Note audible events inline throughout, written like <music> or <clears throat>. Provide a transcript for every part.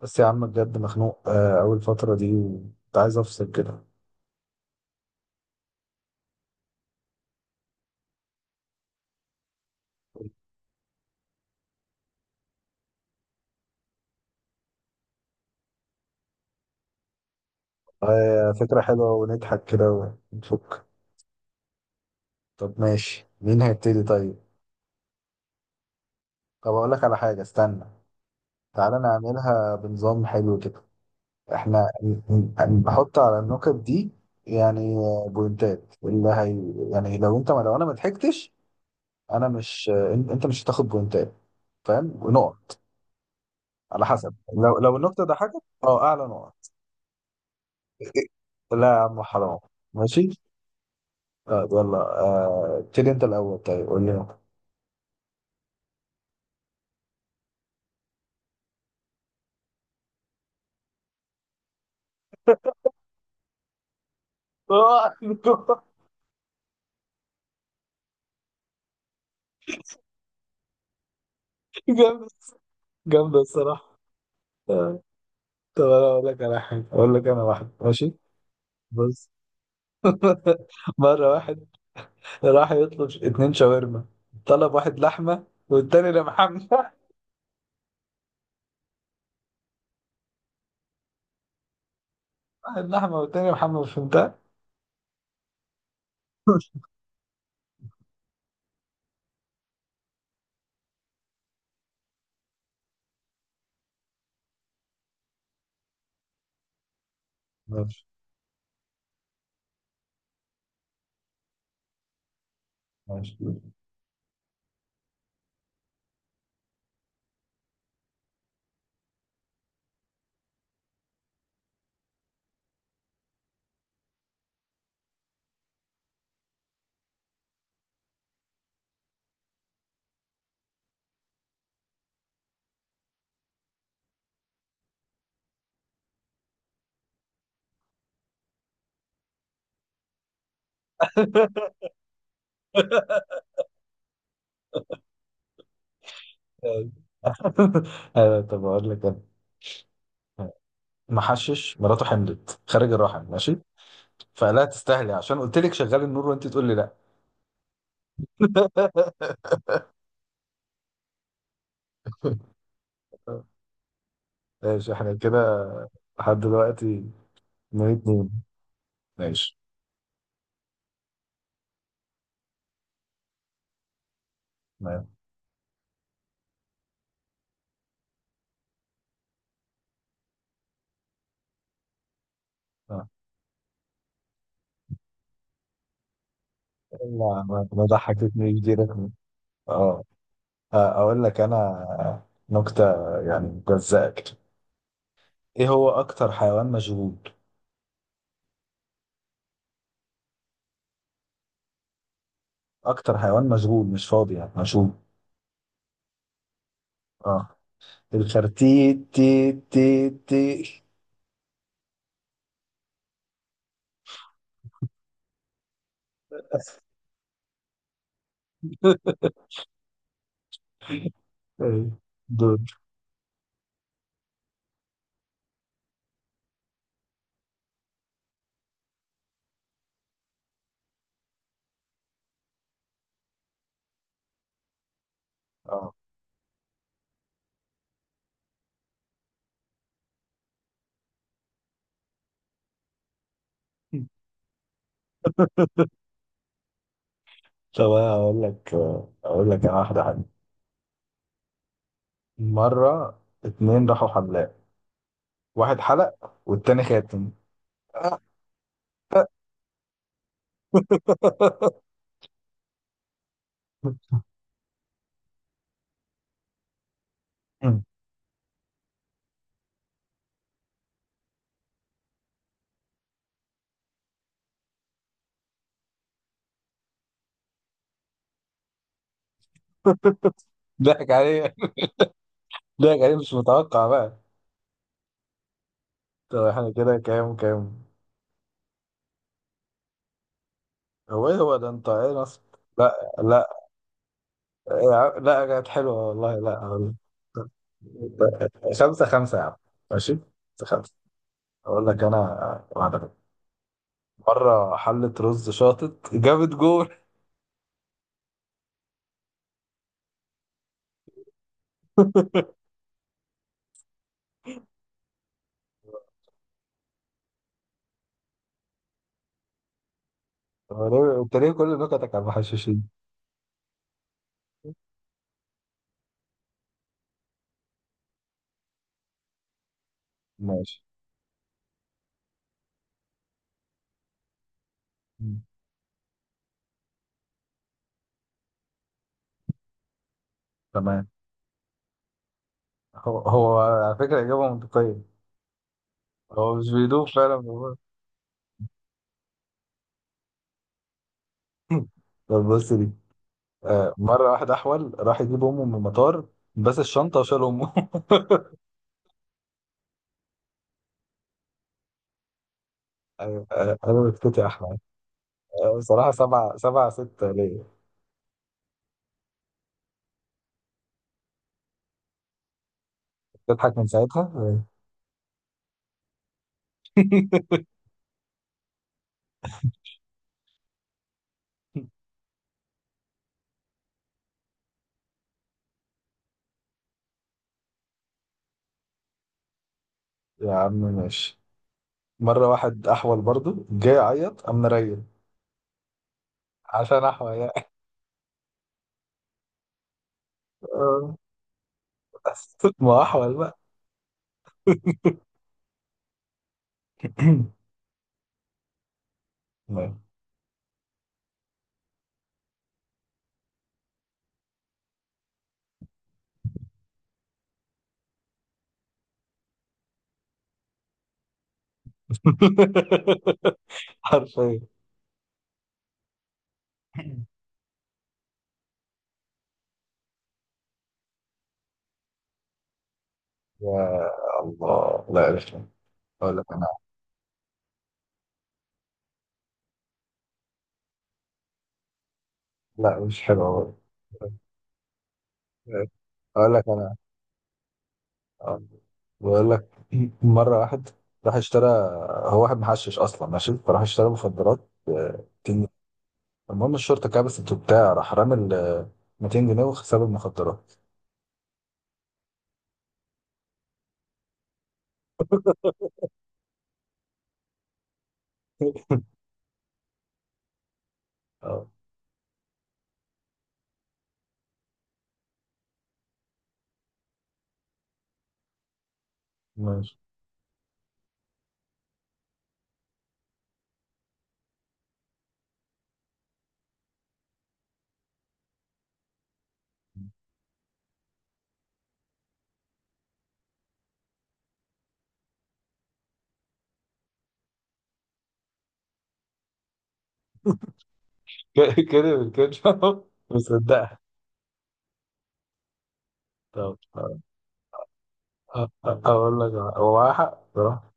بس يا عم بجد مخنوق، أول فترة دي وكنت عايز أفصل كده. آه، فكرة حلوة ونضحك كده ونفك. طب ماشي، مين هيبتدي طيب؟ طب أقول لك على حاجة، استنى. تعالى نعملها بنظام حلو كده. إحنا نحط على النكت دي يعني بوينتات اللي هي. يعني لو أنا ما ضحكتش، أنا مش أنت مش هتاخد بوينتات. فاهم؟ ونقط على حسب. لو النكتة ضحكت أعلى نقط. إيه، لا يا عم حرام. ماشي. طيب يلا، ابتدي انت الاول. طيب قول لي انت. آه، <laughs> جامدة، جامدة الصراحة. آه، طب أنا أقول لك على حاجة، اقول لك انا، واحد ماشي. بص <laughs> مرة واحد راح يطلب اتنين شاورما، طلب واحد لحمة والتاني ده محمد. <laughs> واحد لحمة والتاني محمد، فهمتها؟ <laughs> ماشي، ماشي. آه، طب اقول لك انا. محشش مراته حملت خارج الرحم، ماشي، فقال لها تستاهلي عشان قلت لك شغال النور وانت تقول لي لا. <laughs> <laughs> ماشي احنا كده لحد دلوقتي، اتنين اتنين. ماشي، تمام. آه. ما ضحكتني دي رقم. اه. اقول لك انا نكتة، يعني جزاك. ايه هو اكتر حيوان مشغول؟ اكتر حيوان مشغول مش فاضي، يعني مشغول. اه. الخرتيت تي تي تي. <laughs> إيه، دول. اه. <laughs> طب انا اقول لك انا واحدة حلوة. مرة اتنين راحوا حمام، واحد حلق والتاني خاتم. آه. <laughs> ضحك عليه، ضحك عليه مش متوقع بقى. طب احنا كده كام كام؟ هو ايه، هو ده انت ايه نص؟ لا لا لا، كانت حلوه والله، لا والله. خمسة خمسة يا عم. ماشي، خمسة خمسة. أقول لك أنا واحدة بقى. مرة حلة رز شاطت جابت جول. <laughs> أنت ليه كل نكتك على المحششين؟ ماشي. مم. تمام. هو هو على فكرة إجابة منطقية. هو مش بيدوب فعلا والله. <laughs> طب بص دي، مرة واحد أحول راح يجيب أمه من المطار، بس الشنطة وشال أمه. <laughs> أيوة. أنا بسكوت يا أحمد. بصراحة سبعة سبعة ستة ليا. تضحك من ساعتها. <laughs> يا عم ماشي. مرة واحد أحول برضه جاي يعيط، قام مريل عشان أحول يعني. آه، <laughs> بس ما أحول بقى. <laughs> حرفيا. يا الله لا عرفت. أقول لك، لا مش حلوة برضه. أقول لك أنا، آه، بقول لك <clears throat> مرة واحد راح اشترى، هو واحد محشش أصلا ماشي، فراح اشترى مخدرات 200 جنيه. المهم الشرطة كبست وبتاع، راح رامي ال 200 جنيه وساب المخدرات. <laughs> اه ماشي. كده كده. <laughs> مصدقها. طب أقول لك، هو معاه حق بصراحة.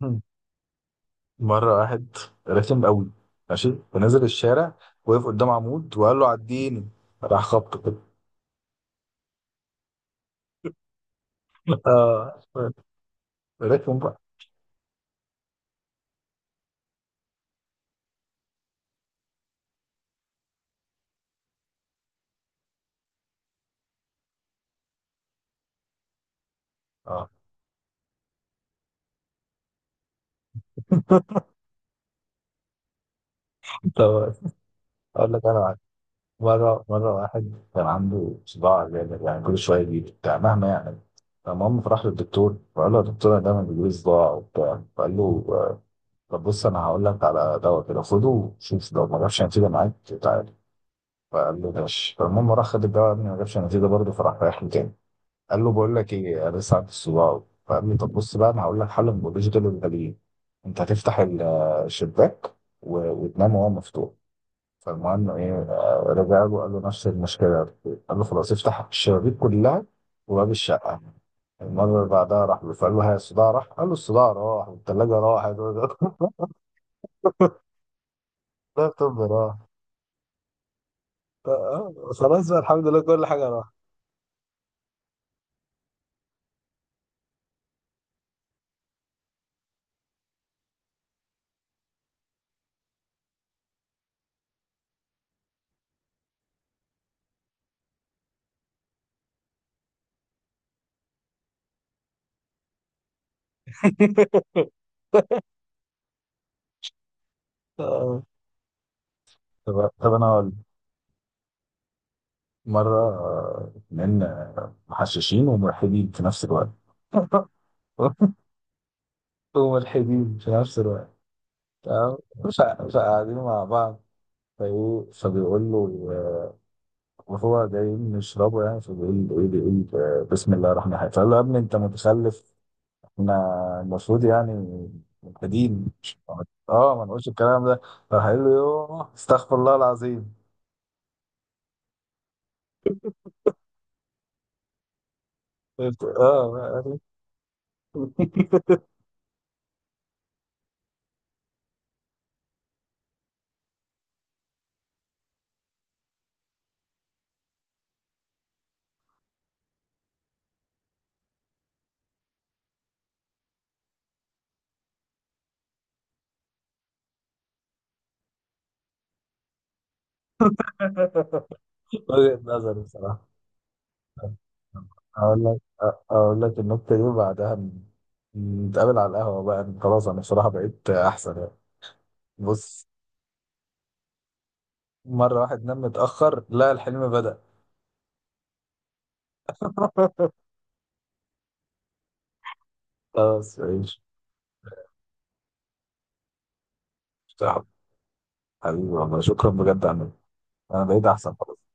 <laughs> مرة واحد رخم قوي، ماشي، فنزل الشارع، وقف قدام عمود وقال له عديني، راح خبطه كده. <laughs> اه رخم بقى. اه. <laughs> طب اقول لك انا واحد. مرة واحد كان عنده صداع جامد، يعني كل شوية يجي بتاع مهما يعني. المهم فراح للدكتور، فقال له يا دكتور انا دايما بيجيلي صداع وبتاع. فقال له طب بص، انا هقول لك على دواء كده، خده وشوف لو ما جابش نتيجة معاك تعالى. فقال له ماشي. فالمهم راح خد الدواء، ما جابش نتيجة برضه، فراح رايح له تاني، قال له بقول لك ايه، انا لسه عندي الصداع. فقال لي طب بص بقى، انا هقول لك حل من دول الغاليين. انت هتفتح الشباك وتنام وهو مفتوح. فالمهم ايه، رجع له قال له نفس المشكله. قال له خلاص، افتح الشبابيك كلها وباب الشقه. المره اللي بعدها راح له، فقال له ها الصداع راح؟ قال له الصداع راح، والثلاجه راحت، <laughs> اللابتوب راح. آه، خلاص بقى، الحمد لله كل حاجه راحت. <laughs> آه. طب طب انا هقول. مرة اتنين محششين وملحدين في نفس الوقت. <laughs> وملحدين في نفس الوقت، تمام. فقاعدين مع بعض، فايه، فبيقول له وهو جايين نشربه يعني، فبيقول له ايه، بيقول بسم الله الرحمن الرحيم. فقال له يا ابني انت متخلف، احنا المفروض يعني ملحدين اه ما نقولش الكلام ده. راح قال له يوه استغفر الله العظيم. اه. <laughs> وجهة نظر بصراحة. اقول لك اقول لك النكته دي وبعدها نتقابل على القهوه بقى. خلاص انا بصراحه بقيت احسن يعني. بص، مره واحد نام متاخر، لا الحلم بدأ. <laughs> خلاص ماشي حبيبي. والله شكرا بجد عنك. انا بقيت احسن خلاص.